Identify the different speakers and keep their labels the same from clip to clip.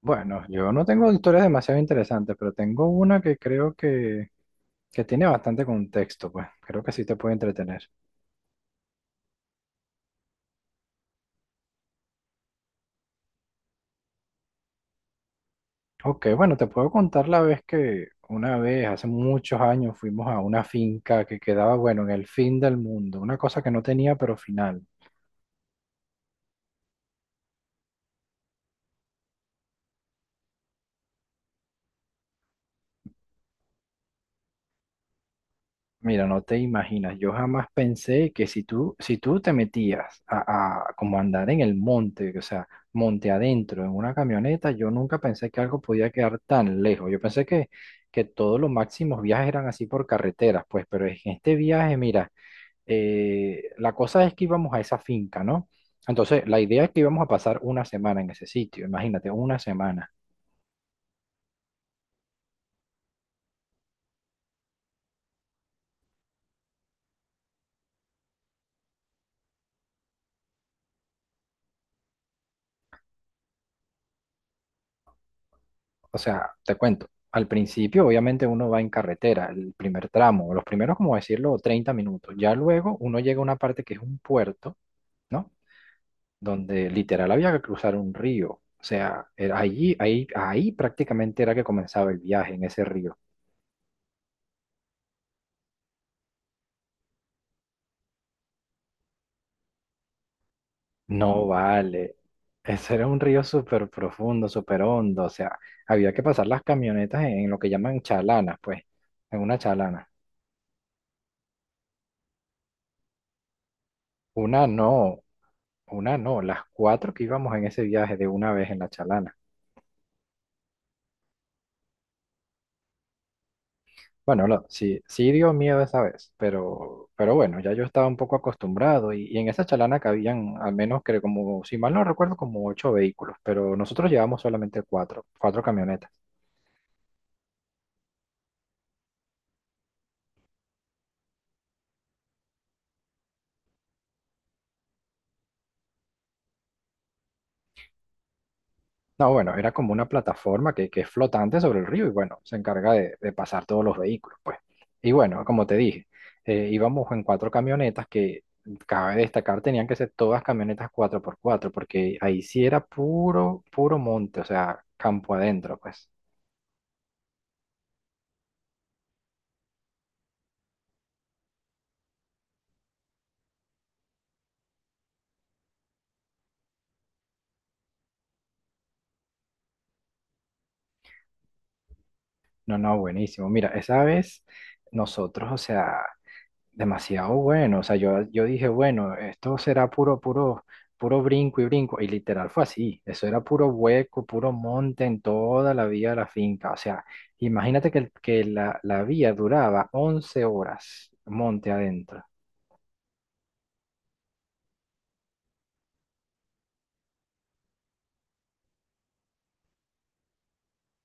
Speaker 1: Bueno, yo no tengo historias demasiado interesantes, pero tengo una que creo que tiene bastante contexto, pues creo que sí te puede entretener. Ok, bueno, te puedo contar la vez que una vez, hace muchos años, fuimos a una finca que quedaba, bueno, en el fin del mundo, una cosa que no tenía pero final. Mira, no te imaginas, yo jamás pensé que si tú te metías a como andar en el monte, o sea, monte adentro en una camioneta, yo nunca pensé que algo podía quedar tan lejos. Yo pensé que todos los máximos viajes eran así por carreteras, pues, pero en este viaje, mira, la cosa es que íbamos a esa finca, ¿no? Entonces, la idea es que íbamos a pasar una semana en ese sitio, imagínate, una semana. O sea, te cuento, al principio obviamente uno va en carretera, el primer tramo, los primeros, como decirlo, 30 minutos. Ya luego uno llega a una parte que es un puerto, ¿no? Donde literal había que cruzar un río. O sea, era allí, ahí prácticamente era que comenzaba el viaje en ese río. No, vale. Ese era un río súper profundo, súper hondo. O sea, había que pasar las camionetas en lo que llaman chalanas, pues, en una chalana. Una no, una no, las cuatro que íbamos en ese viaje de una vez en la chalana. Bueno, no, sí, sí dio miedo esa vez, pero bueno, ya yo estaba un poco acostumbrado y en esa chalana cabían al menos que como, si mal no recuerdo, como ocho vehículos, pero nosotros llevamos solamente cuatro camionetas. No, bueno, era como una plataforma que es flotante sobre el río y bueno, se encarga de pasar todos los vehículos, pues. Y bueno, como te dije, íbamos en cuatro camionetas que, cabe destacar, tenían que ser todas camionetas 4x4 porque ahí sí era puro, puro monte, o sea, campo adentro, pues. No, no, buenísimo. Mira, esa vez nosotros, o sea, demasiado bueno. O sea, yo dije, bueno, esto será puro, puro, puro brinco y brinco. Y literal fue así. Eso era puro hueco, puro monte en toda la vía de la finca. O sea, imagínate que, que la vía duraba 11 horas monte adentro.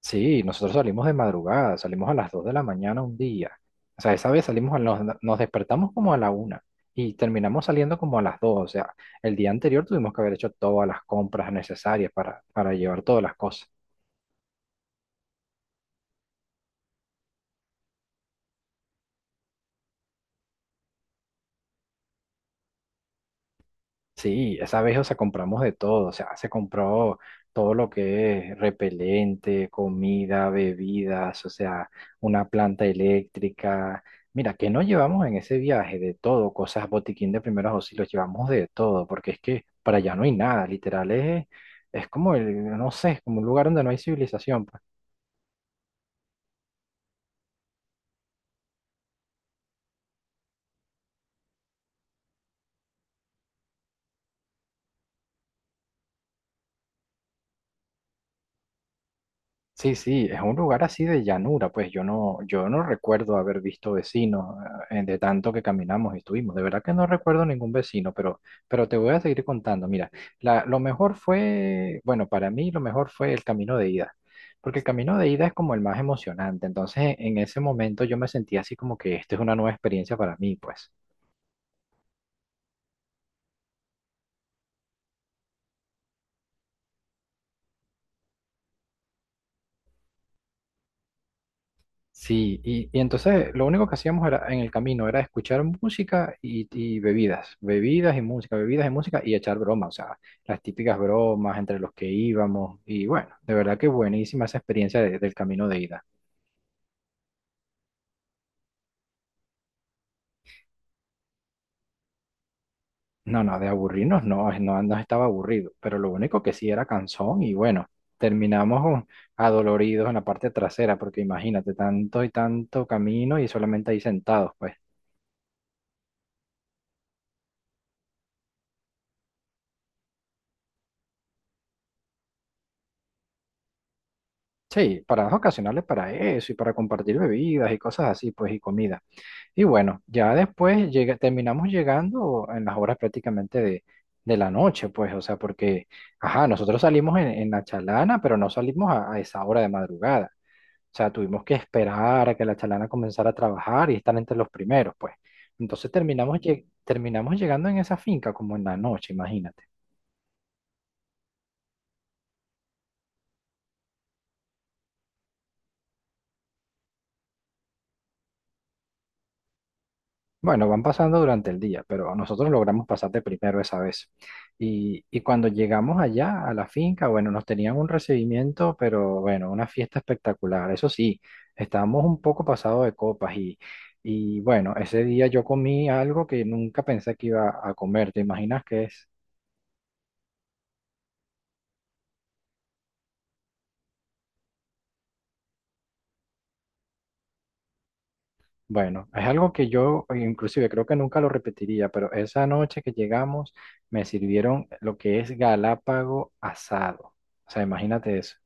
Speaker 1: Sí, nosotros salimos de madrugada, salimos a las 2 de la mañana un día. O sea, esa vez nos despertamos como a la 1 y terminamos saliendo como a las 2. O sea, el día anterior tuvimos que haber hecho todas las compras necesarias para llevar todas las cosas. Sí, esa vez, o sea, compramos de todo, o sea, se compró todo lo que es repelente, comida, bebidas, o sea, una planta eléctrica. Mira, que no llevamos en ese viaje de todo, cosas, botiquín de primeros auxilios, llevamos de todo, porque es que para allá no hay nada, literal, es como el, no sé, es como un lugar donde no hay civilización, pues. Sí, sí, es un lugar así de llanura, pues yo no, yo no recuerdo haber visto vecinos de tanto que caminamos y estuvimos. De verdad que no recuerdo ningún vecino, pero te voy a seguir contando. Mira, la, lo mejor fue, bueno, para mí lo mejor fue el camino de ida, porque el camino de ida es como el más emocionante. Entonces, en ese momento yo me sentía así como que esta es una nueva experiencia para mí, pues. Sí, y entonces lo único que hacíamos era, en el camino era escuchar música y bebidas, bebidas y música y echar bromas, o sea, las típicas bromas entre los que íbamos y bueno, de verdad que buenísima esa experiencia del camino de ida. No, no, de aburrirnos no, no, no estaba aburrido, pero lo único que sí era cansón y bueno, terminamos con- adoloridos en la parte trasera porque imagínate, tanto y tanto camino y solamente ahí sentados, pues. Sí, paradas ocasionales para eso y para compartir bebidas y cosas así, pues, y comida. Y bueno, ya después llega, terminamos llegando en las horas prácticamente de la noche, pues, o sea, porque, ajá, nosotros salimos en la chalana, pero no salimos a esa hora de madrugada. O sea, tuvimos que esperar a que la chalana comenzara a trabajar y estar entre los primeros, pues. Entonces terminamos llegando en esa finca como en la noche, imagínate. Bueno, van pasando durante el día, pero nosotros logramos pasar de primero esa vez. Y cuando llegamos allá a la finca, bueno, nos tenían un recibimiento, pero bueno, una fiesta espectacular. Eso sí, estábamos un poco pasados de copas y bueno, ese día yo comí algo que nunca pensé que iba a comer. ¿Te imaginas qué es? Bueno, es algo que yo inclusive creo que nunca lo repetiría, pero esa noche que llegamos me sirvieron lo que es galápago asado. O sea, imagínate eso.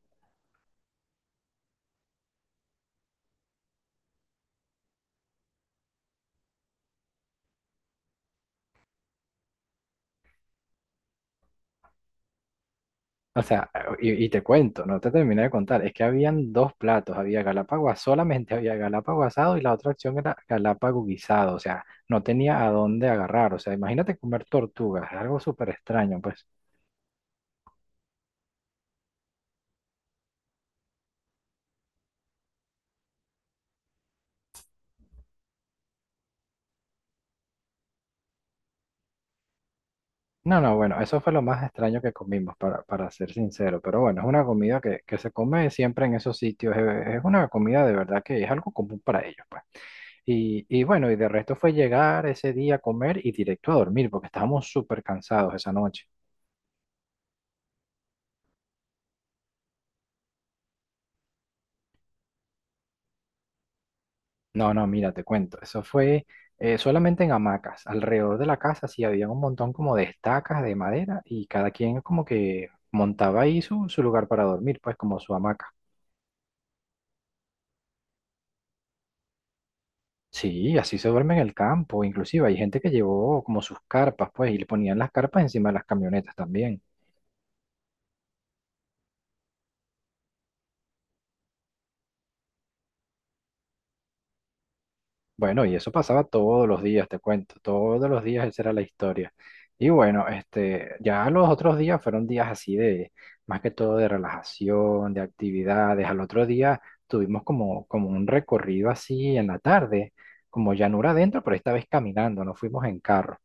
Speaker 1: O sea, y te cuento, no te terminé de contar, es que habían dos platos, había galápagos, solamente había galápagos asado y la otra opción era galápagos guisado, o sea, no tenía a dónde agarrar, o sea, imagínate comer tortugas, es algo súper extraño, pues. No, no, bueno, eso fue lo más extraño que comimos, para ser sincero, pero bueno, es una comida que se come siempre en esos sitios, es una comida de verdad que es algo común para ellos, pues. Y bueno, y de resto fue llegar ese día a comer y directo a dormir, porque estábamos súper cansados esa noche. No, no, mira, te cuento. Eso fue solamente en hamacas. Alrededor de la casa sí había un montón como de estacas de madera y cada quien como que montaba ahí su lugar para dormir, pues como su hamaca. Sí, así se duerme en el campo. Inclusive hay gente que llevó como sus carpas, pues, y le ponían las carpas encima de las camionetas también. Bueno, y eso pasaba todos los días, te cuento, todos los días esa era la historia. Y bueno, este, ya los otros días fueron días así de, más que todo de relajación, de actividades. Al otro día tuvimos como un recorrido así en la tarde, como llanura adentro, pero esta vez caminando, no fuimos en carro.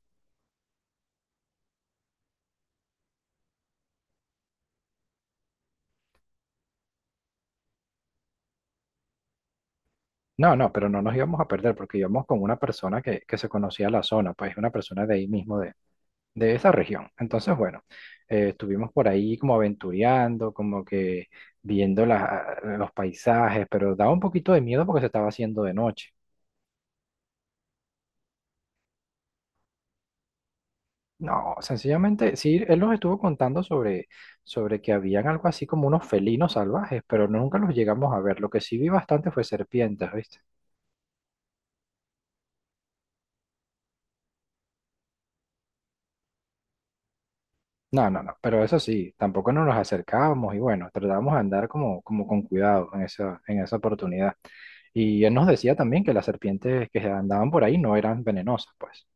Speaker 1: No, no, pero no nos íbamos a perder porque íbamos con una persona que se conocía la zona, pues una persona de ahí mismo de esa región. Entonces, bueno, estuvimos por ahí como aventureando, como que viendo los paisajes, pero daba un poquito de miedo porque se estaba haciendo de noche. No, sencillamente, sí, él nos estuvo contando sobre que habían algo así como unos felinos salvajes, pero nunca los llegamos a ver. Lo que sí vi bastante fue serpientes, ¿viste? No, no, no, pero eso sí, tampoco nos los acercábamos y bueno, tratábamos de andar como, como con cuidado en esa oportunidad. Y él nos decía también que las serpientes que andaban por ahí no eran venenosas, pues.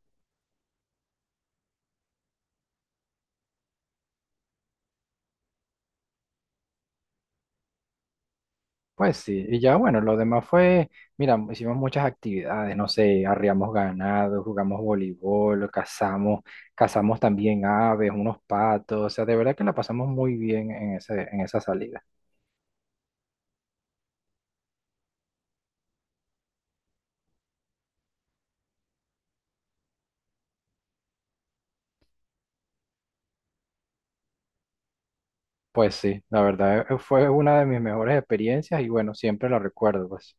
Speaker 1: Pues sí, y ya bueno, lo demás fue, mira, hicimos muchas actividades, no sé, arriamos ganado, jugamos voleibol, cazamos, cazamos también aves, unos patos, o sea, de verdad que la pasamos muy bien en ese, en esa salida. Pues sí, la verdad fue una de mis mejores experiencias y bueno, siempre la recuerdo, pues.